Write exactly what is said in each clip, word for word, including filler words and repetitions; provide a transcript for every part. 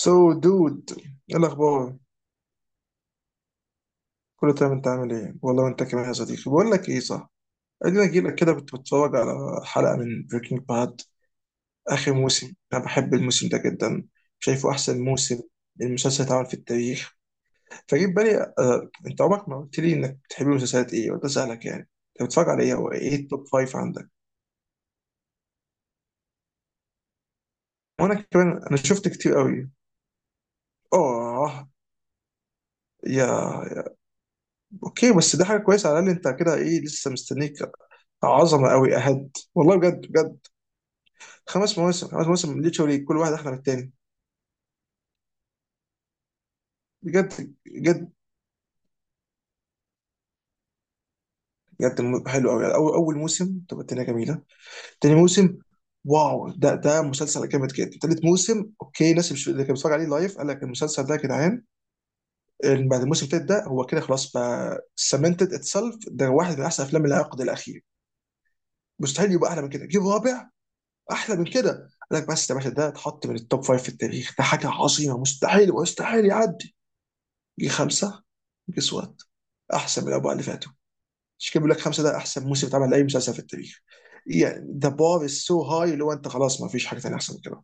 سو دود. ايه الاخبار؟ كله تمام، انت عامل ايه والله، وانت كمان يا صديقي. بقول لك ايه، صح؟ ادينا اجي لك كده كنت بتفرج على حلقه من بريكنج باد اخر موسم. انا بحب الموسم ده جدا، شايفه احسن موسم المسلسل اتعمل في التاريخ. فجيت بالي آه، انت عمرك ما قلت لي انك بتحب المسلسلات ايه. قلت اسالك يعني انت بتتفرج على ايه، او ايه التوب فايف عندك؟ وانا كمان انا شفت كتير قوي. اه يا اوكي، بس ده حاجه كويسه على الاقل انت كده، ايه لسه مستنيك، عظمه قوي اهد والله بجد بجد. خمس مواسم، خمس مواسم من ليتشوري كل واحد احلى من التاني. بجد بجد. بجد م- حلو قوي اول، اول موسم تبقى الدنيا جميله. تاني موسم، واو، ده ده مسلسل جامد جدا. تالت موسم اوكي، ناس مش اللي كان بيتفرج عليه لايف قال لك المسلسل ده يا جدعان. ال- بعد الموسم التالت ده هو كده خلاص بقى سمنتد اتسلف، ده واحد من احسن افلام العقد الاخير. مستحيل يبقى احلى من كده، جيب رابع. احلى من كده؟ قال لك بس يا باشا، ده اتحط من التوب فايف في التاريخ، ده حاجه عظيمه، مستحيل مستحيل يعدي. جه خمسه، جه سوات احسن من الاربعه اللي فاتوا. مش كده، بيقول لك خمسه ده احسن موسم اتعمل لاي مسلسل في التاريخ. يعني ذا بار از سو هاي اللي هو انت خلاص ما فيش حاجه ثانيه احسن من كده.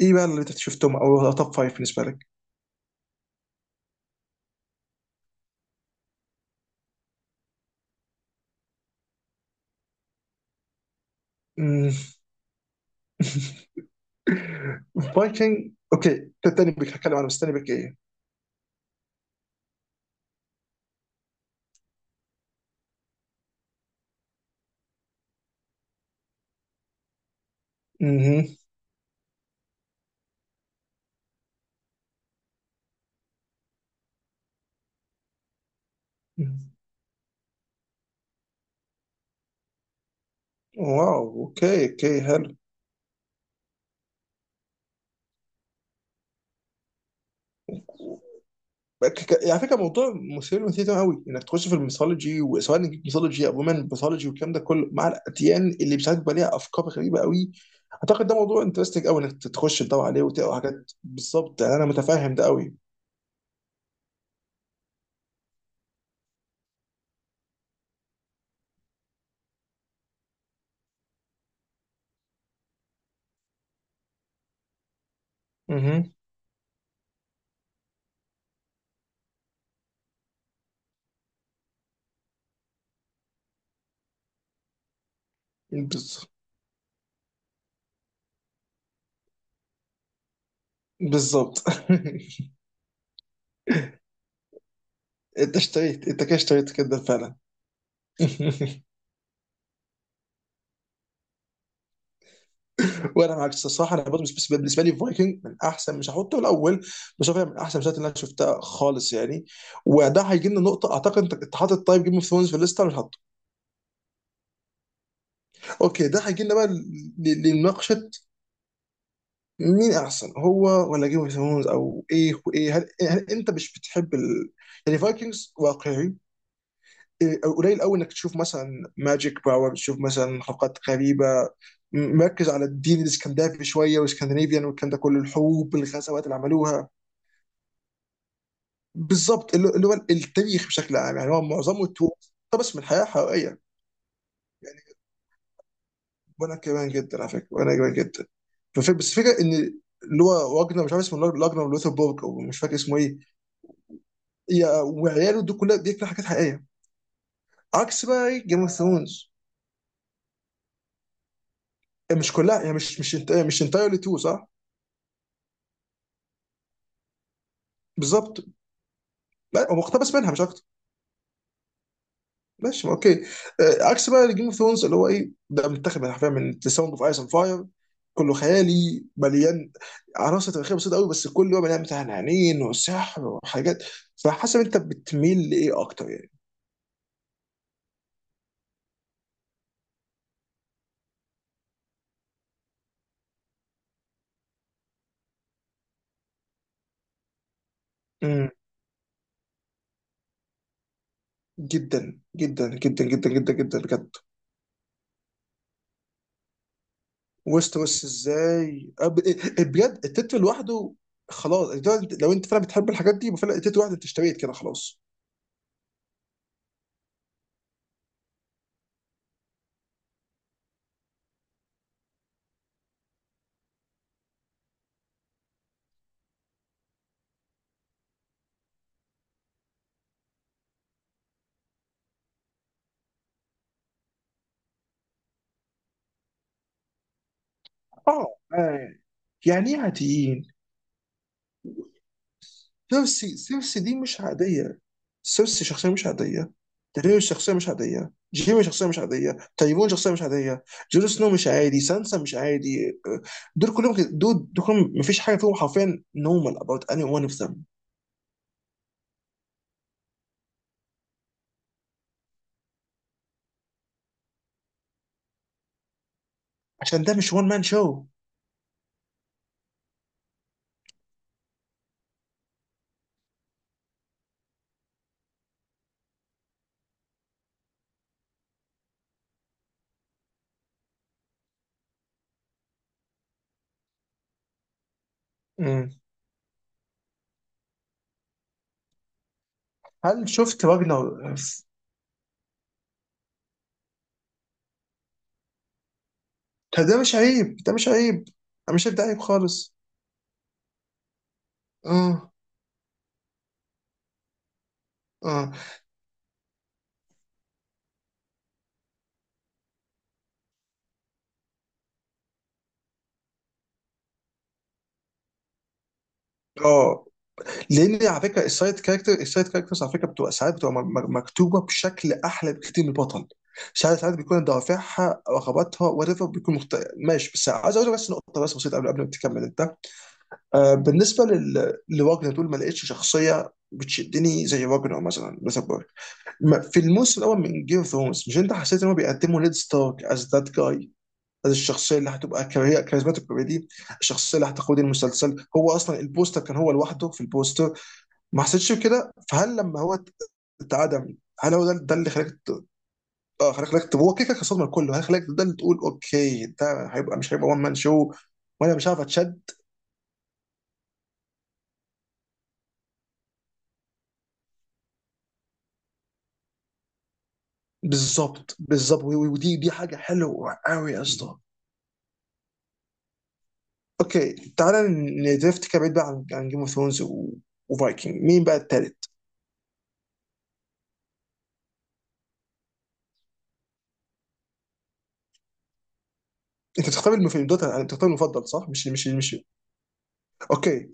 ايه بقى اللي انت شفتهم او توب فايف بالنسبه لك؟ فايكنج اوكي، ده تاني بيك. هتكلم عن بس تاني بيك ايه؟ مهم. واو اوكي، اوكي حلو. ك- ك- على فكره موضوع مثير للاهتمام تمام قوي انك تخش في الميثولوجي، وسواء ميثولوجي او ومن ميثولوجي والكلام ده كله مع الاديان اللي مش عارف بقى ليها افكار غريبه قوي. اعتقد ده موضوع انترستنج قوي انك تخش تدور عليه وتقرا حاجات بالظبط، يعني انا متفاهم ده قوي. اها. بز- بالظبط انت اشتريت، انت كده اشتريت كده فعلا. وانا معاك الصراحه، انا برضه بالنسبه بالنسبة لي فايكنج من احسن، مش هحطه الاول، بس هو فعلا من احسن المسلسلات اللي انا شفتها خالص يعني. وده هيجي لنا نقطه، اعتقد انت أنت حاطط طيب جيم اوف ثرونز في الليسته. اوكي، ده هيجي لنا بقى ل- ل- لمناقشه مين احسن، هو ولا جيم اوف ثرونز، او ايه وايه. هل, هل انت مش بتحب ال... يعني فايكنجز واقعي، إيه، قليل قوي انك تشوف مثلا ماجيك باور، تشوف مثلا حلقات غريبه. م- مركز على الدين الاسكندنافي شويه والاسكندنافيان والكلام ده كله، الحروب، الغزوات اللي عملوها. بالظبط، اللي اللي هو التاريخ بشكل عام يعني هو معظمه توب. طب بس من الحياه حقيقيه. وانا كمان جدا على فكره، وانا كمان جدا. فف- بس الفكره ان اللي هو واجنر مش عارف اسمه، لاج- لاجنر لوثربورج او مش فاكر اسمه ايه، يا- وعياله دول كلها، دي كلها حاجات حقيقيه، عكس بقى جيم اوف ثرونز. مش كلها يعني، مش مش انت مش انتايرلي تو صح؟ بالظبط، لا هو مقتبس منها مش اكتر. ماشي ما اوكي. آه، عكس بقى جيم اوف ثرونز اللي هو ايه، ده متاخد من حرفيا من ذا ساوند اوف ايس اند فاير، كله خيالي مليان عناصر تاريخيه بسيطه قوي، بس كله بقى مليان بتاع عنين وسحر وحاجات. فحسب انت بتميل لايه اكتر يعني؟ امم. جدا جدا جدا جدا جدا جدا بجد. وسط بس ازاي، أب- بجد التتر لوحده، خلاص ده لو انت فعلا بتحب الحاجات دي، فعلا التتر لوحده انت اشتريت كده خلاص. اه. آه. يعني ايه عاديين؟ سيرسي، سيرسي دي مش عاديه، سيرسي شخصيه مش عاديه، داريوس شخصيه مش عاديه، جيمي شخصيه مش عاديه، تايفون شخصيه مش عاديه، جون سنو مش عادي، سانسا مش عادي، آه، دول كلهم كده- دول دول كلهم مفيش حاجه فيهم حرفيا نورمال اباوت اني ون اوف ذم. عشان ده مش وان مان شو. مم. هل شفت راجنر؟ ده ده مش عيب، ده مش عيب، انا مش شايف ده عيب خالص. اه. اه. اه، لان على فكره السايد كاركتر، السايد كاركترز على فكره بتبقى ساعات بتبقى م- م- مكتوبه بشكل احلى بكتير من البطل. ساعات، ساعات بيكون دوافعها رغباتها وات ايفر، بيكون مخت... ماشي بس عايز اقول لك بس نقطه بس بسيطه قبل قبل ما تكمل انت. آه، بالنسبه لل... لواجنر دول ما لقيتش شخصيه بتشدني زي واجنر مثلا. ما- في الموسم الاول من جيم اوف ثرونز، مش انت حسيت ان هو بيقدموا نيد ستارك از ذات جاي، از الشخصيه اللي هتبقى كاري- كاريزماتيك بالطريقة دي، الشخصيه اللي هتقود المسلسل، هو اصلا البوستر كان هو لوحده في البوستر. ما حسيتش بكده؟ فهل لما هو ات- اتعدم، هل هو ده, ده اللي خلاك ت- اه خلاك، خلاك ت- هو كده كده كان صدمه لكله. هل خلاك ده اللي تقول اوكي، ده هيبقى مش هيبقى وان مان شو، وانا مش عارف اتشد. بالظبط بالظبط، و- و- ودي، دي حاجه حلوه قوي يا اسطى. اوكي تعالى، ندريفت كده بعيد بقى عن عن جيم اوف ثرونز وفايكنج. مين بقى التالت؟ انت بتختار المفضل دوت، انت بتختار المفضل صح؟ مش مش مش اوكي.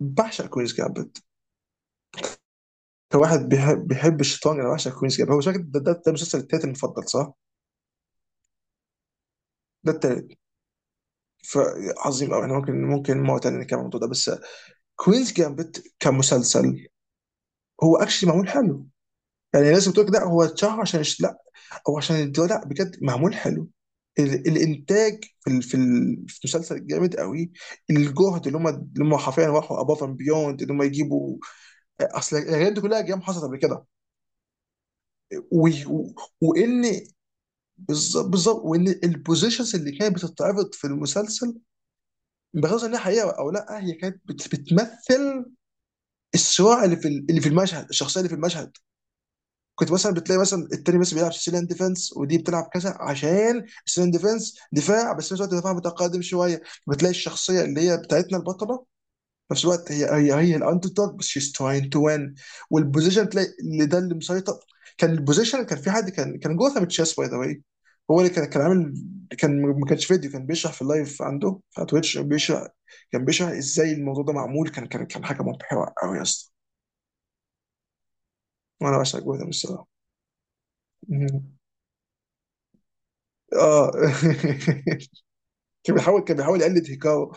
بعشق كوينز جامبت. كواحد بيحب, بيحب الشيطان، انا بعشق كوينز جامبت. هو شكل ده, ده, ده المسلسل التالت المفضل صح؟ ده التالت. فعظيم قوي، احنا ممكن ممكن مرة تانية نتكلم عن الموضوع ده، بس كوينز جامبت كمسلسل هو اكشلي معمول حلو. يعني الناس بتقول لك لا هو اتشهر عشان الش- لا، هو عشان الدراما، لا بجد معمول حلو. ال- الانتاج في ال- في ال- في مسلسل جامد قوي. الجهد اللي هم اللي هم حرفيا راحوا اباف اند بيوند، اللي هم يجيبوا اصل الحاجات دي كلها جيم حصلت قبل كده. و... و... وان، بالظبط بالظبط، وان البوزيشنز اللي كانت بتتعرض في المسلسل، بغض النظر انها حقيقه او لا، هي كانت بت... بتمثل الصراع اللي في ال- اللي في المشهد، الشخصيه اللي في المشهد. كنت مثلا بتلاقي مثلا التاني مثلا بيلعب سيسيليان ديفense، ودي بتلعب كذا عشان سيسيليان ديفنس دفاع، بس في نفس الوقت دفاع متقدم شويه، بتلاقي الشخصيه اللي هي بتاعتنا البطله في نفس الوقت هي هي هي الاندر دوج، بس شيز تراين تو وين. والبوزيشن تلاقي اللي ده اللي مسيطر. كان البوزيشن، كان في حد كان كان جوثام تشيس باي ذا واي، هو اللي كان كان عامل، كان ما كانش فيديو، كان بيشرح في اللايف عنده على تويتش، بيشرح، كان بيشرح ازاي الموضوع ده معمول، كان كان كان حاجه مبهره قوي يا اسطى. وانا بعشق جوثام الصراحه. اه. كان بيحاول، كان بيحاول يقلد هيكاو.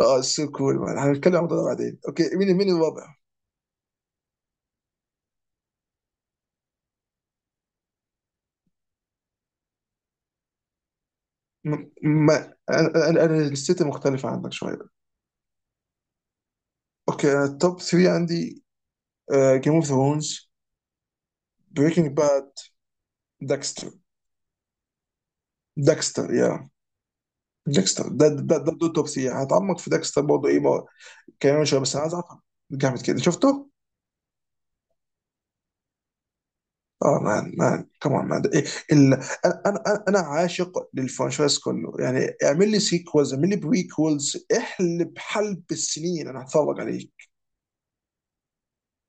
اه سو كول مان، هنتكلم عن الموضوع ده بعدين. اوكي، مين مين الرابع؟ م- ما انا انا أنا الست مختلفة عنك شوية. اوكي، انا التوب ثلاثة عندي، جيم اوف ثرونز، بريكنج باد، داكستر. داكستر يا، داكستر ده ده ده, ده, ده توب ثلاثة. هتعمق في داكستر برضه ايه ما- كمان شوية، بس انا عايز اعرف، جامد كده شفته؟ اه مان، مان كمان مان إيه، ال... انا انا انا عاشق للفرنشايز كله، يعني اعمل لي سيكولز اعمل لي بريكولز، احلب حلب السنين انا هتفرج عليه.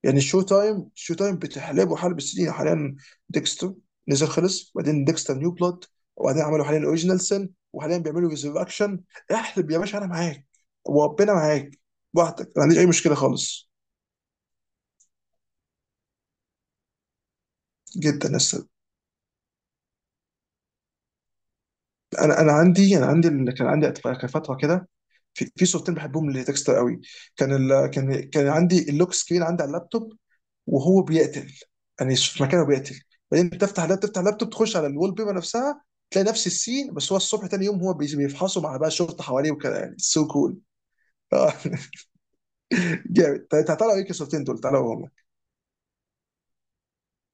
يعني شو تايم، شو تايم بتحلبه حلب السنين حاليا؟ ديكستر نزل خلص، بعدين ديكستر نيو بلود، وبعدين عملوا حاليا الاوريجينال سن، وحاليا بيعملوا ريزركشن. احلب يا باشا، انا معاك وربنا معاك، براحتك ما عنديش اي مشكله خالص. جدا لسه. انا انا عندي انا عندي ال- كان عندي أتف- كان فتره كده، في في صورتين بحبهم لديكستر قوي. كان ال... كان كان عندي اللوك سكرين عندي على اللابتوب وهو بيقتل، يعني في مكانه بيقتل. بعدين بتفتح اللاب، تفتح اللابتوب، تخش على الوول بيبر نفسها، تلاقي نفس السين، بس هو الصبح تاني يوم هو بي- بيفحصوا مع بقى الشرطه حواليه وكده، يعني سو كول. جامد. طيب تعالوا ايه الصورتين دول، تعالوا.